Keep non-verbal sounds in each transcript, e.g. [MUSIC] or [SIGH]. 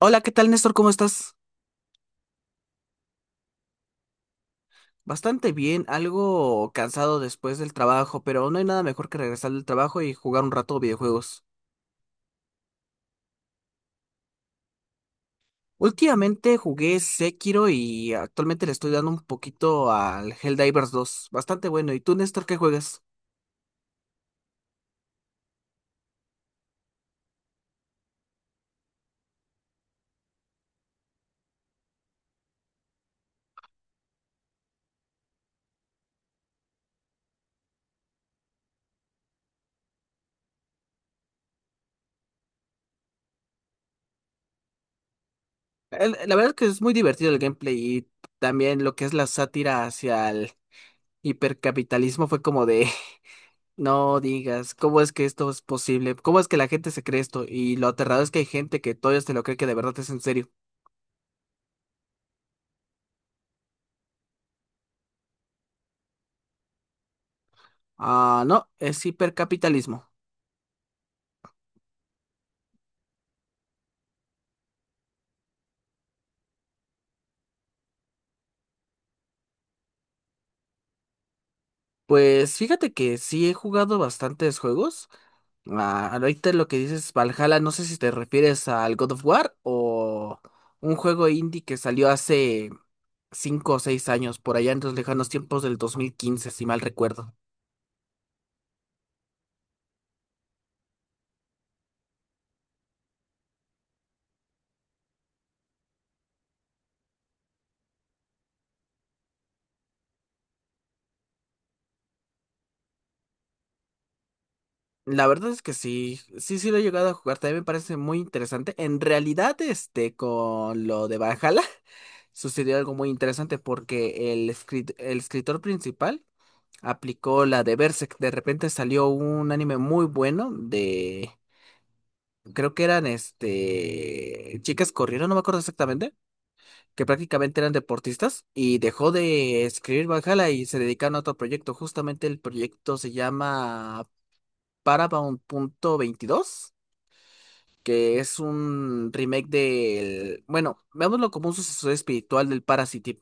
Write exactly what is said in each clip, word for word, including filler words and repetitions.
Hola, ¿qué tal, Néstor? ¿Cómo estás? Bastante bien, algo cansado después del trabajo, pero no hay nada mejor que regresar del trabajo y jugar un rato videojuegos. Últimamente jugué Sekiro y actualmente le estoy dando un poquito al Helldivers dos, bastante bueno. ¿Y tú, Néstor, qué juegas? El- la verdad es que es muy divertido el gameplay y también lo que es la sátira hacia el hipercapitalismo fue como de, [LAUGHS] no digas, ¿cómo es que esto es posible? ¿Cómo es que la gente se cree esto? Y lo aterrador es que hay gente que todavía se lo cree, que de verdad es en serio. Ah, no, es hipercapitalismo. Pues fíjate que sí he jugado bastantes juegos. Ah, ahorita lo que dices Valhalla, no sé si te refieres al God of War o un juego indie que salió hace cinco o seis años, por allá en los lejanos tiempos del dos mil quince, si mal recuerdo. La verdad es que sí, sí, sí lo he llegado a jugar, también me parece muy interesante. En realidad, este, con lo de Valhalla, [LAUGHS] sucedió algo muy interesante porque el, escrit- el escritor principal aplicó la de Berserk. De repente salió un anime muy bueno de, creo que eran este, chicas corrieron, no me acuerdo exactamente, que prácticamente eran deportistas y dejó de escribir Valhalla y se dedicaron a otro proyecto. Justamente el proyecto se llama Paramount punto veintidós, que es un remake del, bueno, veámoslo como un sucesor espiritual del Parasite.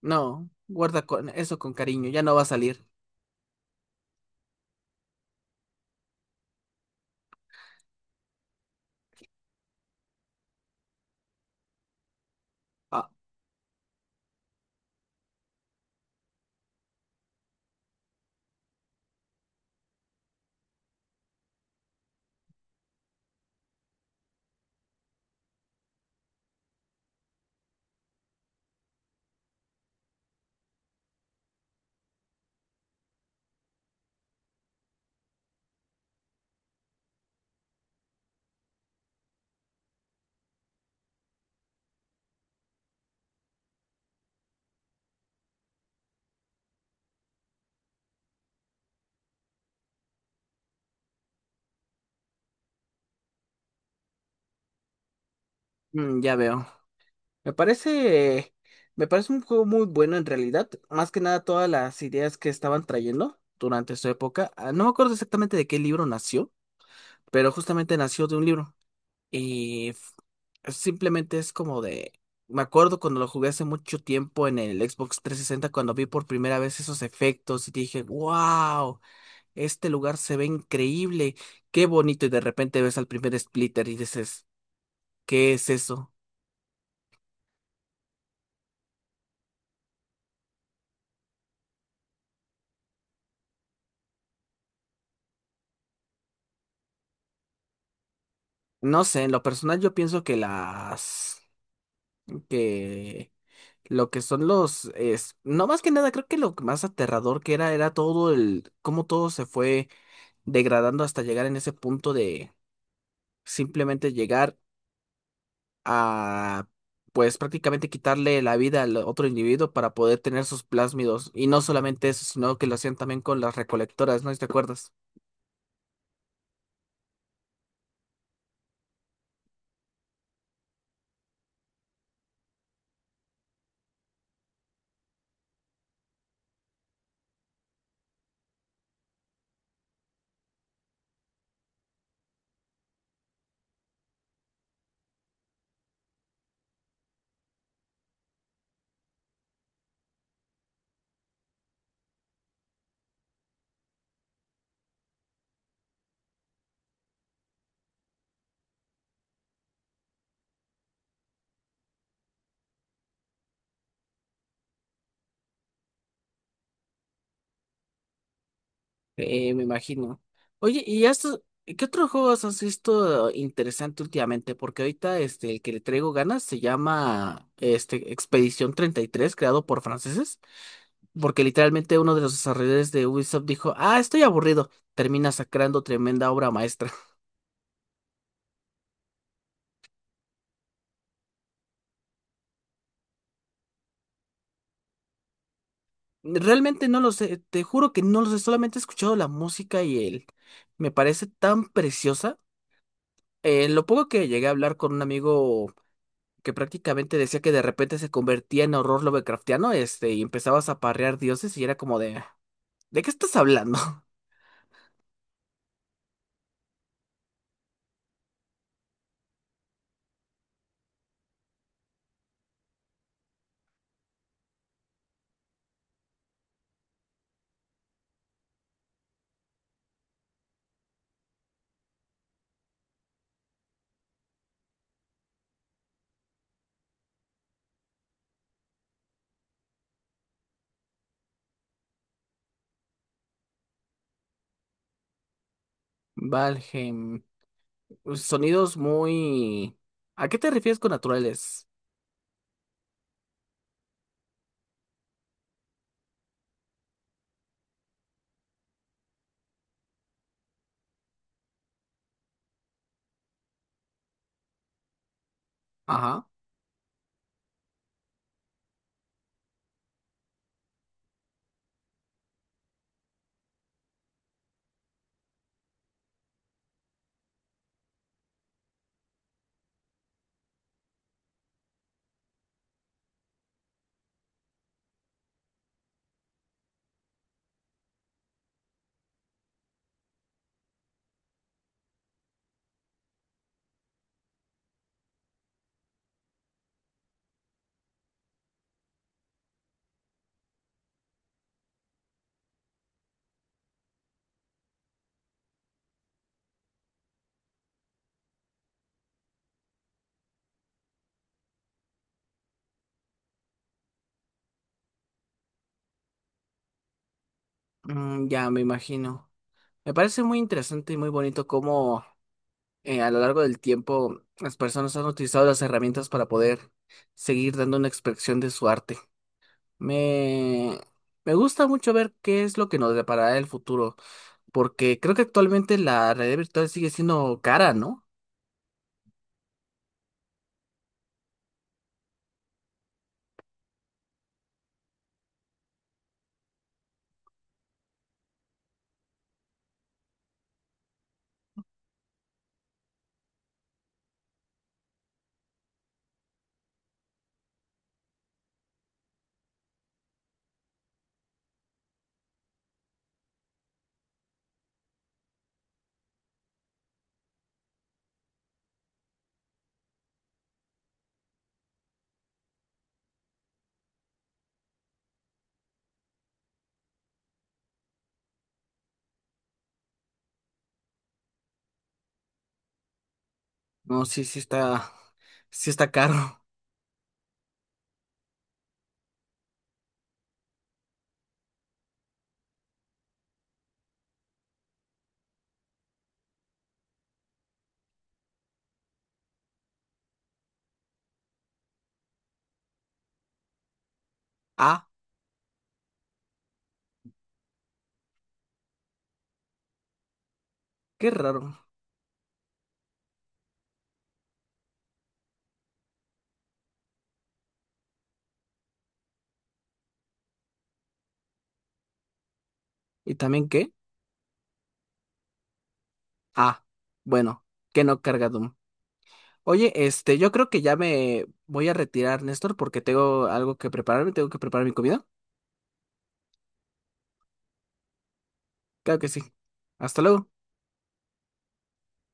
No, guarda con eso con cariño, ya no va a salir. Ah, mm, ya veo. Me parece, me parece un juego muy bueno en realidad. Más que nada todas las ideas que estaban trayendo durante su época. Ah, no me acuerdo exactamente de qué libro nació, pero justamente nació de un libro. Y f- Simplemente es como de... Me acuerdo cuando lo jugué hace mucho tiempo en el Xbox trescientos sesenta, cuando vi por primera vez esos efectos y dije, wow, este lugar se ve increíble, qué bonito. Y de repente ves al primer Splitter y dices, ¿qué es eso? No sé, en lo personal yo pienso que las, que lo que son los es no más que nada, creo que lo más aterrador que era era todo el cómo todo se fue degradando hasta llegar en ese punto de simplemente llegar a, pues prácticamente quitarle la vida al otro individuo para poder tener sus plásmidos, y no solamente eso, sino que lo hacían también con las recolectoras, ¿no? ¿Te acuerdas? Eh, me imagino. Oye, ¿y esto, qué otros juegos has visto interesante últimamente? Porque ahorita este, el que le traigo ganas, se llama este, Expedición treinta y tres, creado por franceses. Porque literalmente uno de los desarrolladores de Ubisoft dijo, ah, estoy aburrido. Termina sacando tremenda obra maestra. [LAUGHS] Realmente no lo sé, te juro que no lo sé, solamente he escuchado la música y él me parece tan preciosa. Eh, lo poco que llegué a hablar con un amigo, que prácticamente decía que de repente se convertía en horror Lovecraftiano, este, y empezabas a parrear dioses y era como de, "Ah, ¿de qué estás hablando?" [LAUGHS] Valheim, sonidos muy... ¿A qué te refieres con naturales? Ajá. Mm, ya me imagino. Me parece muy interesante y muy bonito cómo, eh, a lo largo del tiempo las personas han utilizado las herramientas para poder seguir dando una expresión de su arte. Me... me gusta mucho ver qué es lo que nos deparará el futuro. Porque creo que actualmente la realidad virtual sigue siendo cara, ¿no? No, sí, sí está, sí está caro. [LAUGHS] Ah, qué raro. ¿Y también qué? Ah, bueno, que no carga Doom. Oye, este, yo creo que ya me voy a retirar, Néstor, porque tengo algo que prepararme, tengo que preparar mi comida. Claro que sí. Hasta luego.